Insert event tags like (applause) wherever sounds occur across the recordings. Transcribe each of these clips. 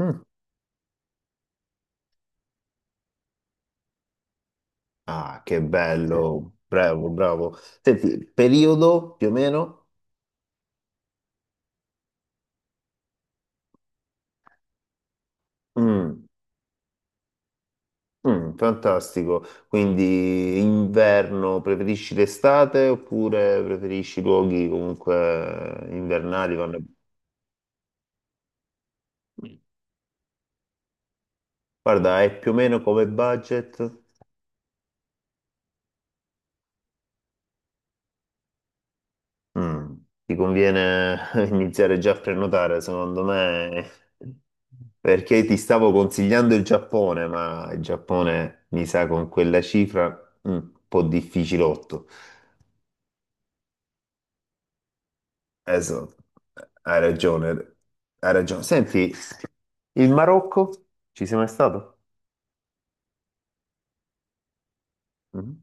Mm. Ah, che Sì. Bello, bravo, bravo. Senti, periodo più o meno? Mm, mm, fantastico. Quindi inverno, preferisci l'estate oppure preferisci luoghi comunque invernali? Vanno. Guarda, è più o meno come budget? Mm. Ti conviene (laughs) iniziare già a prenotare, secondo me, perché ti stavo consigliando il Giappone, ma il Giappone mi sa con quella cifra un po' difficilotto. Esatto, hai ragione, hai ragione. Senti, il Marocco, ci sei mai stato? Mm.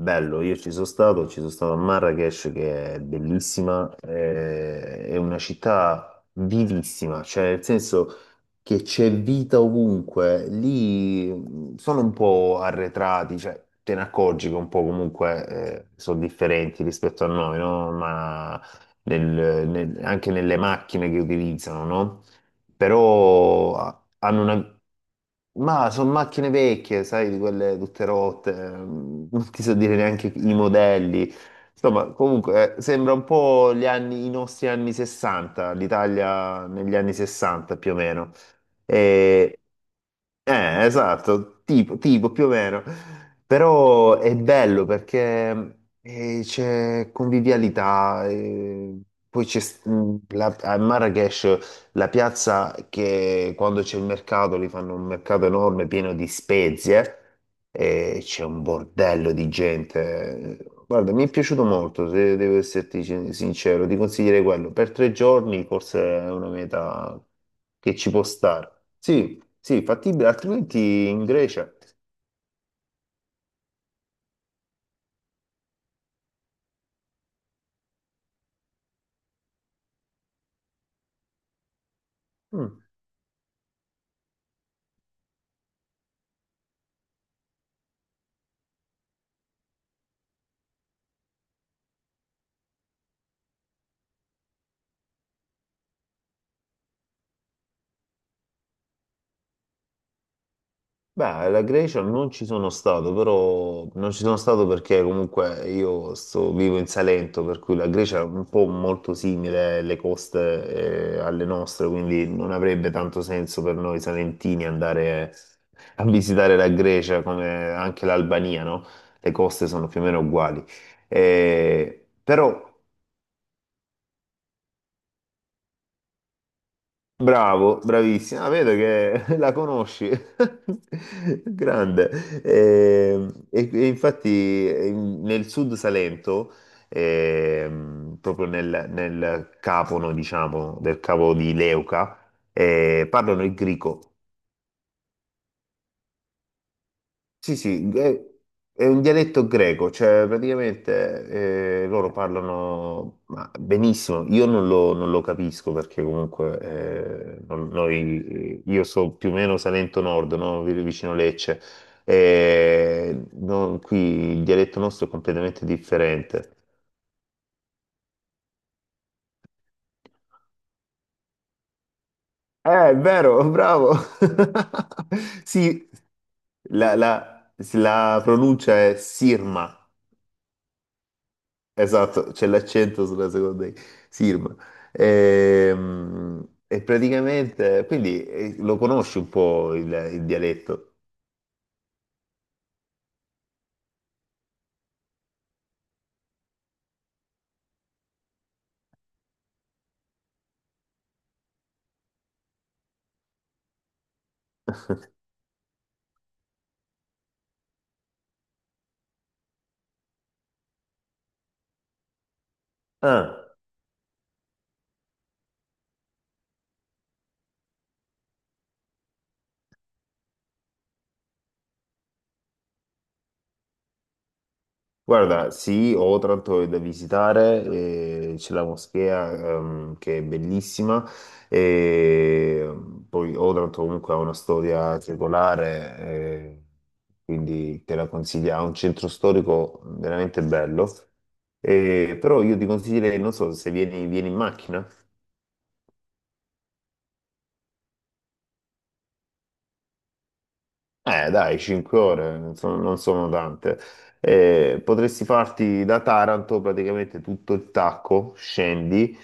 Bello, io ci sono stato a Marrakech, che è bellissima. È una città vivissima, cioè, nel senso che c'è vita ovunque. Lì sono un po' arretrati, cioè te ne accorgi che un po' comunque sono differenti rispetto a noi, no? Ma anche nelle macchine che utilizzano, no? Però ah, hanno una, ma sono macchine vecchie, sai, di quelle tutte rotte, non ti so dire neanche i modelli. Insomma, comunque sembra un po' gli anni, i nostri anni 60, l'Italia negli anni 60 più o meno. E, esatto, tipo, tipo più o meno. Però è bello perché c'è convivialità. Poi c'è a Marrakesh la piazza, che quando c'è il mercato, lì fanno un mercato enorme pieno di spezie, e c'è un bordello di gente. Guarda, mi è piaciuto molto, se devo esserti sincero, ti consiglierei quello. Per tre giorni forse è una meta che ci può stare. Sì, sì, fattibile, altrimenti in Grecia. Mm. Beh, la Grecia non ci sono stato, però non ci sono stato perché comunque io vivo in Salento, per cui la Grecia è un po' molto simile alle coste, alle nostre, quindi non avrebbe tanto senso per noi salentini andare a visitare la Grecia, come anche l'Albania, no? Le coste sono più o meno uguali. Però. Bravo, bravissima. Ah, vedo che (laughs) la conosci. (laughs) Grande. E infatti nel sud Salento, proprio nel capono, diciamo, del cavo di Leuca, parlano il grico. Sì, sì, è un dialetto greco, cioè praticamente loro parlano, ma benissimo. Io non lo capisco, perché comunque io so più o meno Salento Nord, no? Vicino Lecce, e qui il dialetto nostro è completamente differente. È vero, bravo! (laughs) Sì, la, la la pronuncia è Sirma. Esatto, c'è l'accento sulla seconda I, Sirma. E, praticamente, quindi lo conosci un po' il dialetto? Ah. Guarda, sì, ho tanto da visitare. C'è la moschea, che è bellissima, e poi Otranto comunque ha una storia secolare, quindi te la consiglio, ha un centro storico veramente bello. Però io ti consiglierei, non so, se vieni, in macchina. Eh dai, 5 ore non sono tante. Potresti farti da Taranto praticamente tutto il tacco, scendi,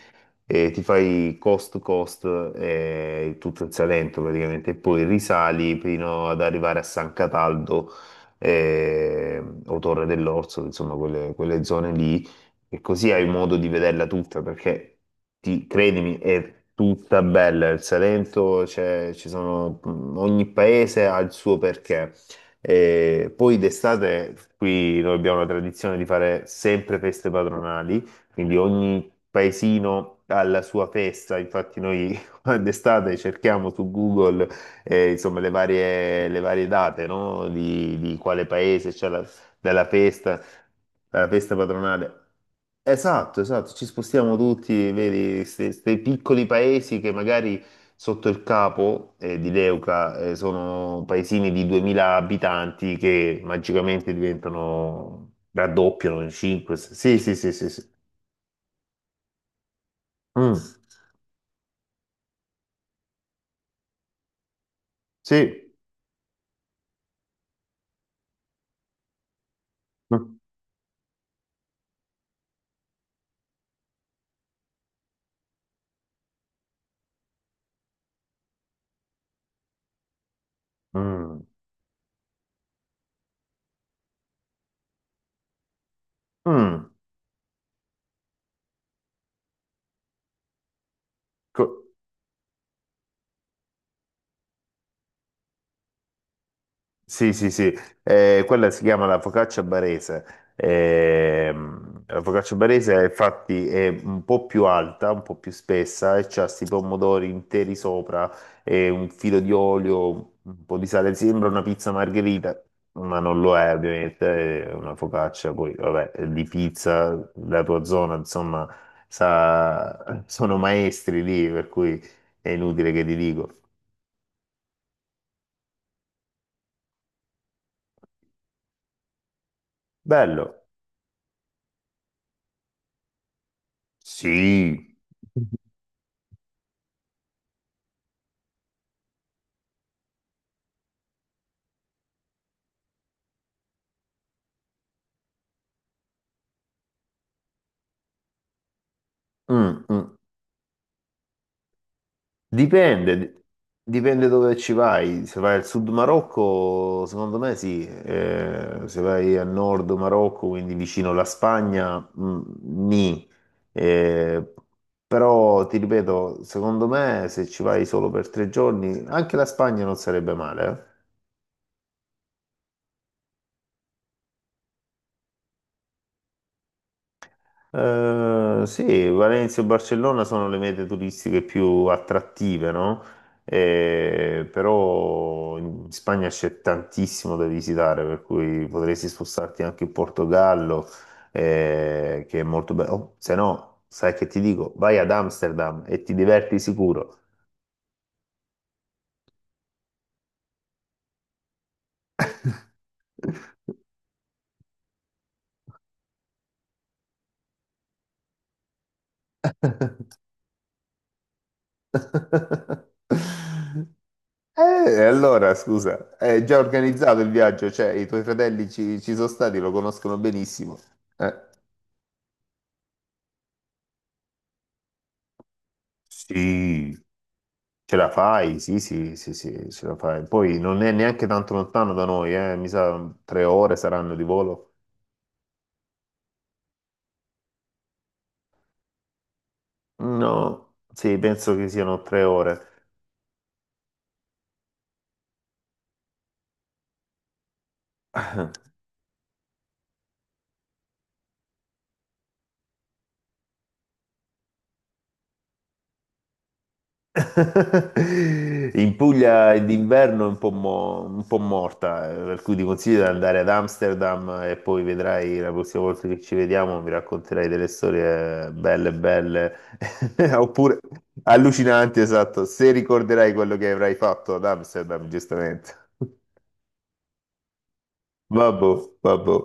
e ti fai coast to coast, tutto il Salento praticamente, e poi risali fino ad arrivare a San Cataldo, o Torre dell'Orso, insomma, quelle zone lì, e così hai modo di vederla tutta, perché credimi, è tutta bella. Il Salento, ci sono, ogni paese ha il suo perché. E poi d'estate qui noi abbiamo la tradizione di fare sempre feste patronali, quindi ogni paesino alla sua festa. Infatti noi (laughs) d'estate cerchiamo su Google insomma, le varie date, no? Di quale paese c'è la, della festa, la festa patronale. Esatto, esatto, ci spostiamo tutti, vedi, questi piccoli paesi che magari sotto il capo di Leuca sono paesini di 2000 abitanti che magicamente diventano, raddoppiano in 5. Sì, sì, sì, sì, sì. Mm. Sì. Mm. Mm. Mm. Co- sì, sì, sì. Quella si chiama la focaccia barese. La focaccia barese, infatti, è un po' più alta, un po' più spessa, e c'ha questi pomodori interi sopra e un filo di olio, un po' di sale. Sembra una pizza margherita, ma non lo è, ovviamente. È una focaccia, poi, vabbè, di pizza, la tua zona, insomma, sono maestri lì, per cui è inutile che ti dico. Bello. Sì. Mm, mm. Dipende, dipende dove ci vai. Se vai al sud Marocco, secondo me sì. Se vai a nord Marocco, quindi vicino alla Spagna, nì. Eh, Però ti ripeto, secondo me se ci vai solo per 3 giorni, anche la Spagna non sarebbe male. Sì, Valencia e Barcellona sono le mete turistiche più attrattive, no? Però in Spagna c'è tantissimo da visitare, per cui potresti spostarti anche in Portogallo, che è molto bello. Oh, se no, sai che ti dico, vai ad Amsterdam e ti diverti sicuro. (laughs) Allora, scusa, è già organizzato il viaggio, cioè i tuoi fratelli ci sono stati, lo conoscono benissimo. Eh, Sì, ce la fai, sì, sì, sì, sì, ce la fai. Poi non è neanche tanto lontano da noi, mi sa 3 ore saranno di volo. No, sì, penso che siano 3 ore. (laughs) (laughs) In Puglia d'inverno è un po', un po' morta, per cui ti consiglio di andare ad Amsterdam, e poi vedrai la prossima volta che ci vediamo, mi racconterai delle storie belle, belle, (laughs) oppure allucinanti, esatto, se ricorderai quello che avrai fatto ad Amsterdam, giustamente. (laughs) Vabbè, vabbè.